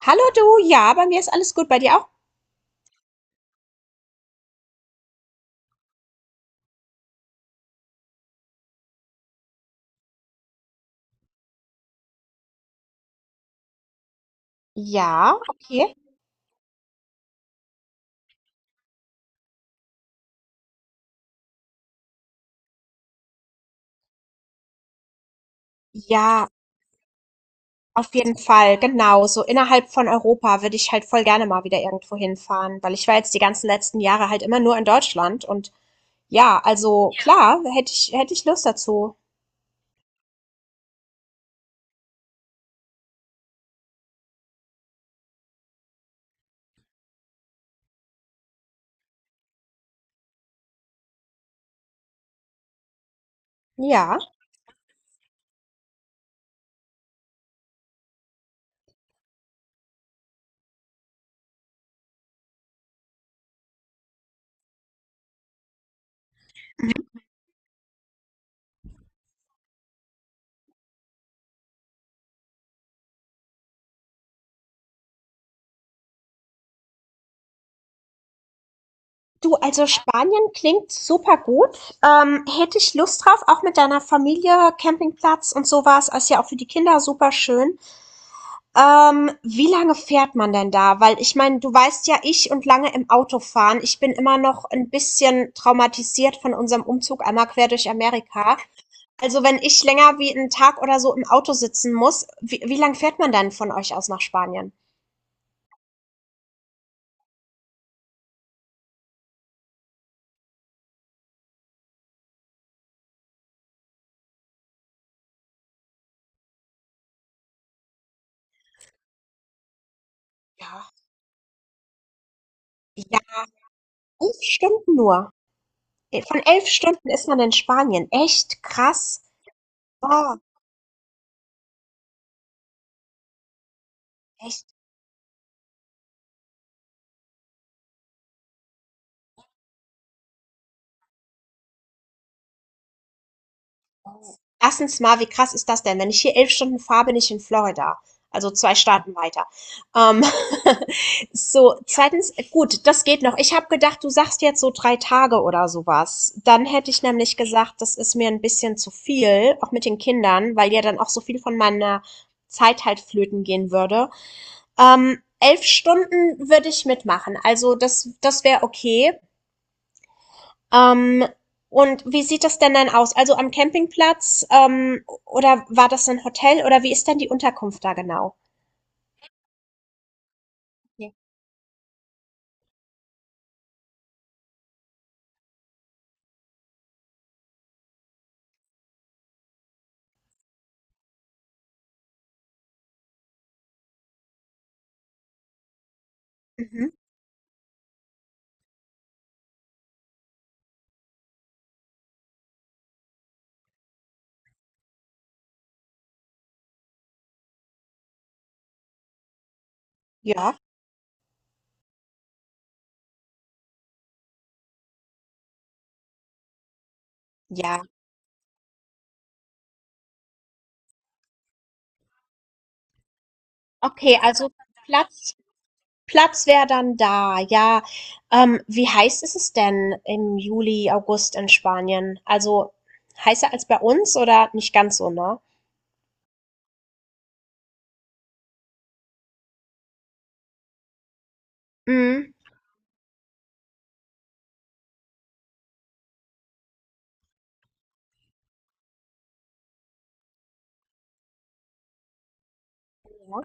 Hallo du, ja, bei mir ist alles gut. Bei dir auch? Ja, okay. Ja, auf jeden Fall, genau. So innerhalb von Europa würde ich halt voll gerne mal wieder irgendwo hinfahren, weil ich war jetzt die ganzen letzten Jahre halt immer nur in Deutschland und ja, also ja, klar, hätte ich Lust dazu. Ja. Du, also Spanien klingt super gut. Hätte ich Lust drauf, auch mit deiner Familie, Campingplatz und sowas, ist ja auch für die Kinder super schön. Wie lange fährt man denn da? Weil ich meine, du weißt ja, ich und lange im Auto fahren, ich bin immer noch ein bisschen traumatisiert von unserem Umzug einmal quer durch Amerika. Also wenn ich länger wie 'n Tag oder so im Auto sitzen muss, wie lang fährt man dann von euch aus nach Spanien? Ja. Ja, 11 Stunden nur. Von 11 Stunden ist man in Spanien. Echt krass. Oh, echt. Erstens mal, wie krass ist das denn? Wenn ich hier 11 Stunden fahre, bin ich in Florida, also 2 Staaten weiter. Ähm, so, ja, zweitens, gut, das geht noch. Ich habe gedacht, du sagst jetzt so drei Tage oder sowas. Dann hätte ich nämlich gesagt, das ist mir ein bisschen zu viel, auch mit den Kindern, weil ja dann auch so viel von meiner Zeit halt flöten gehen würde. 11 Stunden würde ich mitmachen. Also das wäre okay. Ähm, und wie sieht das denn dann aus? Also am Campingplatz, oder war das ein Hotel oder wie ist denn die Unterkunft da genau? Okay. Mhm. Ja, ja. Okay, also Platz Platz wäre dann da, ja. Wie heiß ist es denn im Juli, August in Spanien? Also heißer als bei uns oder nicht ganz so, ne? Mhm. Ja.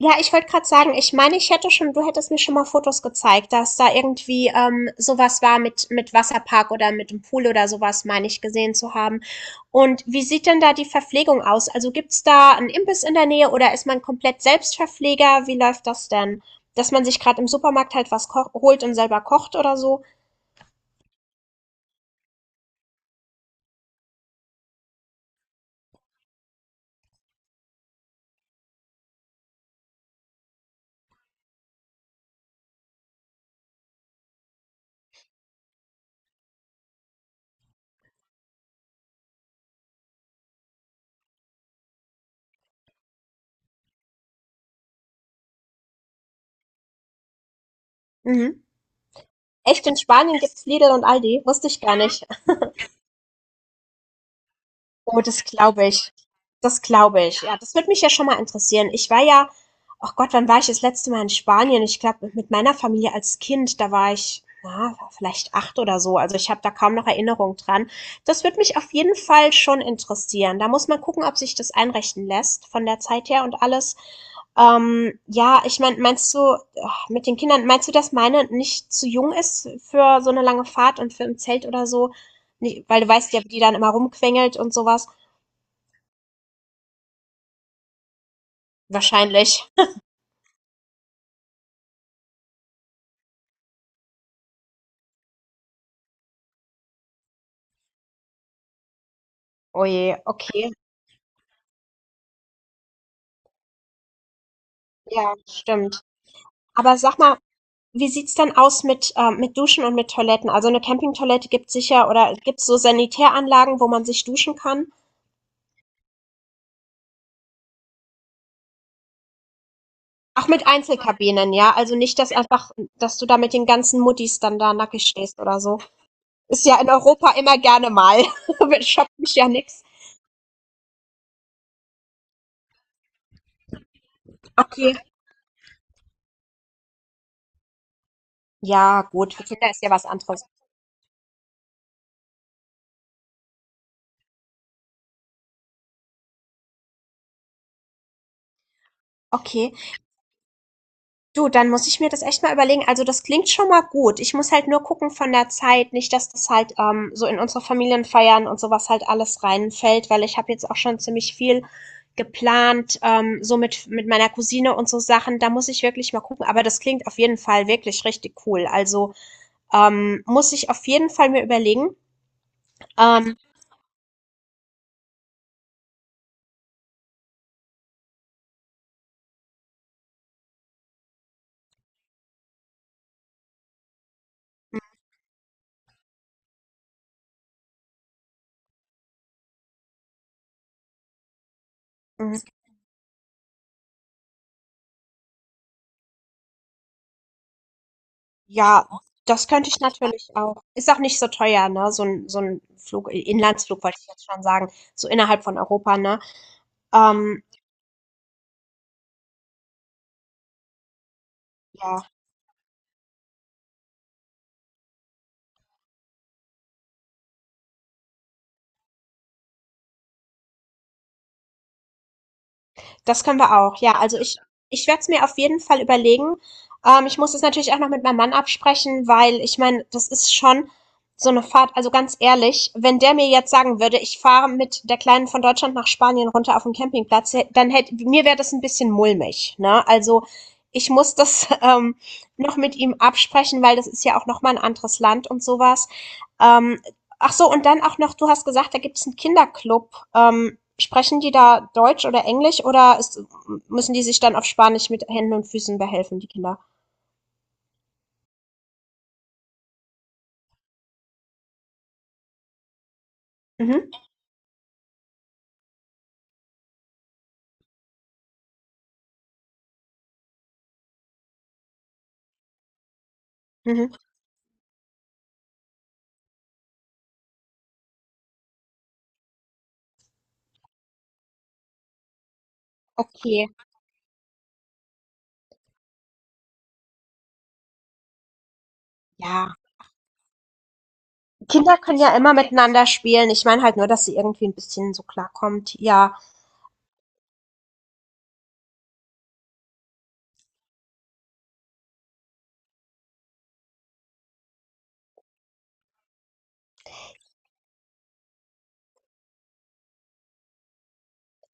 Ja, ich wollte gerade sagen, ich meine, ich hätte schon, du hättest mir schon mal Fotos gezeigt, dass da irgendwie, so war, mit Wasserpark oder mit dem Pool oder sowas, meine ich gesehen zu haben. Und wie sieht denn da die Verpflegung aus? Also gibt's da 'n Imbiss in der Nähe oder ist man komplett Selbstverpfleger? Wie läuft das denn? Dass man sich gerade im Supermarkt halt was koch holt und selber kocht oder so? Mhm. Echt, in Spanien gibt's Lidl und Aldi? Wusste ich gar nicht. Oh, das glaube ich. Das glaube ich. Ja, das würde mich ja schon mal interessieren. Ich war ja, ach Gott, wann war ich das letzte Mal in Spanien? Ich glaube, mit meiner Familie als Kind, da war ich, na, vielleicht acht oder so. Also ich habe da kaum noch Erinnerung dran. Das würde mich auf jeden Fall schon interessieren. Da muss man gucken, ob sich das einrichten lässt von der Zeit her und alles. Ja, ich meine, meinst du, ach, mit den Kindern, meinst du, dass meine nicht zu jung ist für so eine lange Fahrt und für im Zelt oder so? Nee, weil du weißt ja, wie die dann immer rumquengelt und sowas. Wahrscheinlich. Oh je, okay. Ja, stimmt. Aber sag mal, wie sieht's dann aus mit Duschen und mit Toiletten? Also eine Campingtoilette gibt's sicher oder gibt's so Sanitäranlagen, wo man sich duschen kann? Auch mit Einzelkabinen, ja? Also nicht, dass einfach, dass du da mit den ganzen Muttis dann da nackig stehst oder so. Ist ja in Europa immer gerne mal. Schockt mich ja nix. Okay. Ja, gut. Für Kinder ist ja was anderes. Okay. Du, dann muss ich mir das echt mal überlegen. Also das klingt schon mal gut. Ich muss halt nur gucken von der Zeit, nicht, dass das halt so in unsere Familienfeiern und sowas halt alles reinfällt, weil ich habe jetzt auch schon ziemlich viel geplant, so mit meiner Cousine und so Sachen. Da muss ich wirklich mal gucken. Aber das klingt auf jeden Fall wirklich richtig cool. Also muss ich auf jeden Fall mir überlegen. Ähm, mhm. Ja, das könnte ich natürlich auch. Ist auch nicht so teuer, ne? So ein Flug, Inlandsflug wollte ich jetzt schon sagen, so innerhalb von Europa, ne? Ähm, ja, das können wir auch. Ja, also ich werde es mir auf jeden Fall überlegen. Ich muss es natürlich auch noch mit meinem Mann absprechen, weil ich meine, das ist schon so eine Fahrt. Also ganz ehrlich, wenn der mir jetzt sagen würde, ich fahre mit der Kleinen von Deutschland nach Spanien runter auf den Campingplatz, dann hätte mir, wäre das ein bisschen mulmig, ne? Also ich muss das noch mit ihm absprechen, weil das ist ja auch noch mal ein anderes Land und sowas. Ähm, Ach so, und dann auch noch, du hast gesagt, da gibt es einen Kinderclub. Sprechen die da Deutsch oder Englisch oder ist müssen die sich dann auf Spanisch mit Händen und Füßen behelfen, die Kinder? Mhm, mhm, okay. Ja, Kinder können ja immer miteinander spielen. Ich meine halt nur, dass sie irgendwie ein bisschen so klarkommt. Ja,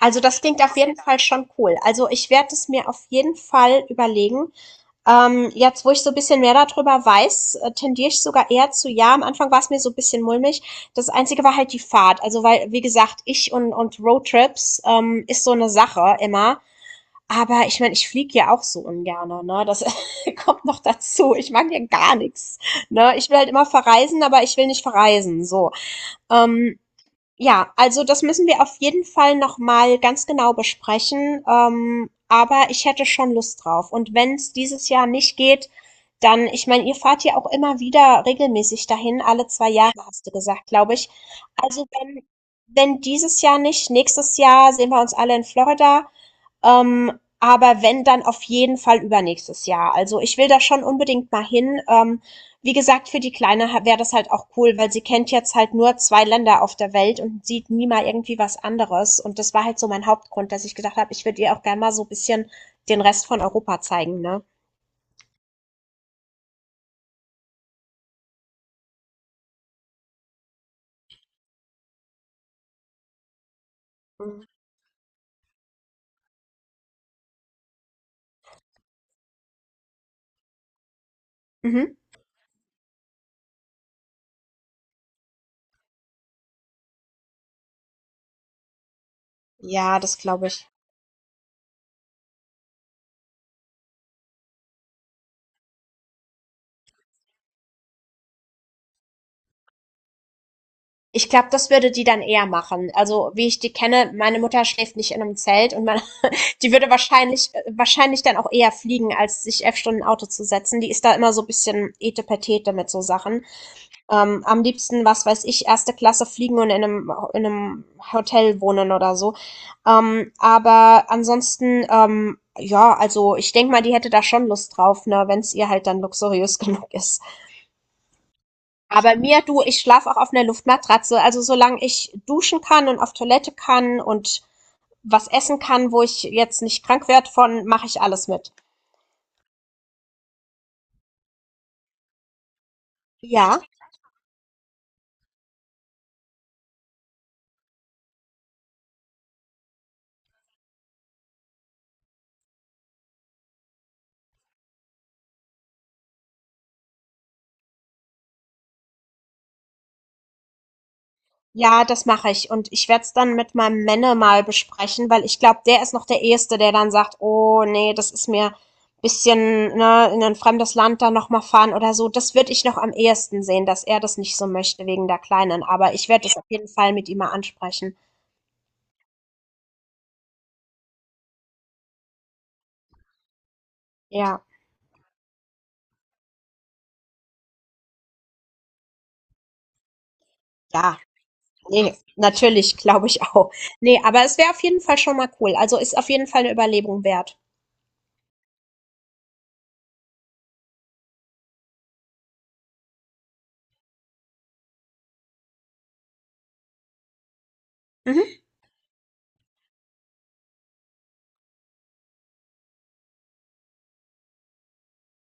also das klingt auf jeden Fall schon cool. Also ich werde es mir auf jeden Fall überlegen. Jetzt, wo ich so ein bisschen mehr darüber weiß, tendiere ich sogar eher zu ja. Am Anfang war es mir so ein bisschen mulmig. Das Einzige war halt die Fahrt. Also weil, wie gesagt, ich und Roadtrips ist so eine Sache immer. Aber ich meine, ich fliege ja auch so ungerne, ne? Das kommt noch dazu. Ich mag ja gar nichts, ne? Ich will halt immer verreisen, aber ich will nicht verreisen, so. Ähm, ja, also das müssen wir auf jeden Fall noch mal ganz genau besprechen. Aber ich hätte schon Lust drauf. Und wenn es dieses Jahr nicht geht, dann, ich meine, ihr fahrt ja auch immer wieder regelmäßig dahin, alle zwei Jahre, hast du gesagt, glaube ich. Also wenn dieses Jahr nicht, nächstes Jahr sehen wir uns alle in Florida. Aber wenn, dann auf jeden Fall übernächstes Jahr. Also ich will da schon unbedingt mal hin. Wie gesagt, für die Kleine wäre das halt auch cool, weil sie kennt jetzt halt nur zwei Länder auf der Welt und sieht nie mal irgendwie was anderes. Und das war halt so mein Hauptgrund, dass ich gedacht habe, ich würde ihr auch gerne mal so ein bisschen den Rest von Europa zeigen, ne? Mhm. Mhm. Ja, das glaube ich. Ich glaube, das würde die dann eher machen. Also wie ich die kenne, meine Mutter schläft nicht in einem Zelt und meine, die würde wahrscheinlich, wahrscheinlich dann auch eher fliegen, als sich elf Stunden Auto zu setzen. Die ist da immer so ein bisschen etepetete mit so Sachen. Am liebsten, was weiß ich, erste Klasse fliegen und in einem Hotel wohnen oder so. Aber ansonsten, ja, also ich denke mal, die hätte da schon Lust drauf, ne, wenn es ihr halt dann luxuriös genug ist. Aber mir, du, ich schlafe auch auf einer Luftmatratze. Also solange ich duschen kann und auf Toilette kann und was essen kann, wo ich jetzt nicht krank werde von, mache ich alles mit. Ja, ja, das mache ich. Und ich werde es dann mit meinem Männer mal besprechen, weil ich glaube, der ist noch der Erste, der dann sagt, oh nee, das ist mir ein bisschen, ne, in ein fremdes Land dann nochmal fahren oder so. Das würde ich noch am ehesten sehen, dass er das nicht so möchte wegen der Kleinen. Aber ich werde das auf jeden Fall mit ihm mal ansprechen. Ja, ja. Nee, natürlich, glaube ich auch. Nee, aber es wäre auf jeden Fall schon mal cool. Also ist auf jeden Fall eine Überlegung wert. Mhm.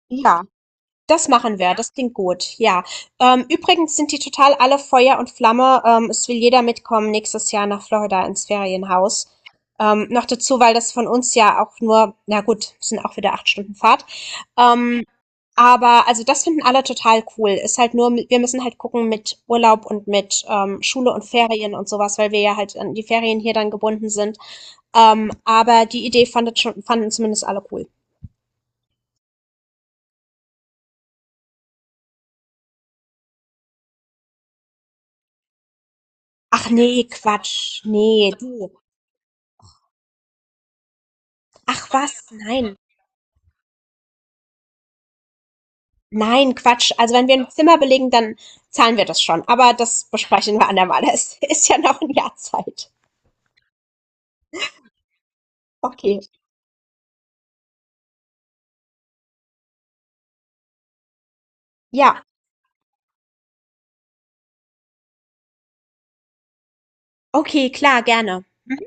Ja. Das machen wir, das klingt gut, ja. Übrigens sind die total alle Feuer und Flamme. Es will jeder mitkommen nächstes Jahr nach Florida ins Ferienhaus. Noch dazu, weil das von uns ja auch nur, na gut, sind auch wieder acht Stunden Fahrt. Ähm, aber also das finden alle total cool. Ist halt nur, wir müssen halt gucken mit Urlaub und mit Schule und Ferien und sowas, weil wir ja halt an die Ferien hier dann gebunden sind. Aber die Idee fanden zumindest alle cool. Ach nee, Quatsch. Nee, du. Ach was, nein. Nein, Quatsch. Also wenn wir ein Zimmer belegen, dann zahlen wir das schon. Aber das besprechen wir andermal. Es ist ja noch ein Jahr Zeit. Okay. Ja, okay, klar, gerne. Mhm.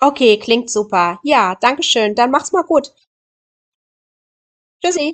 Okay, klingt super. Ja, danke schön. Dann mach's mal gut. Tschüssi.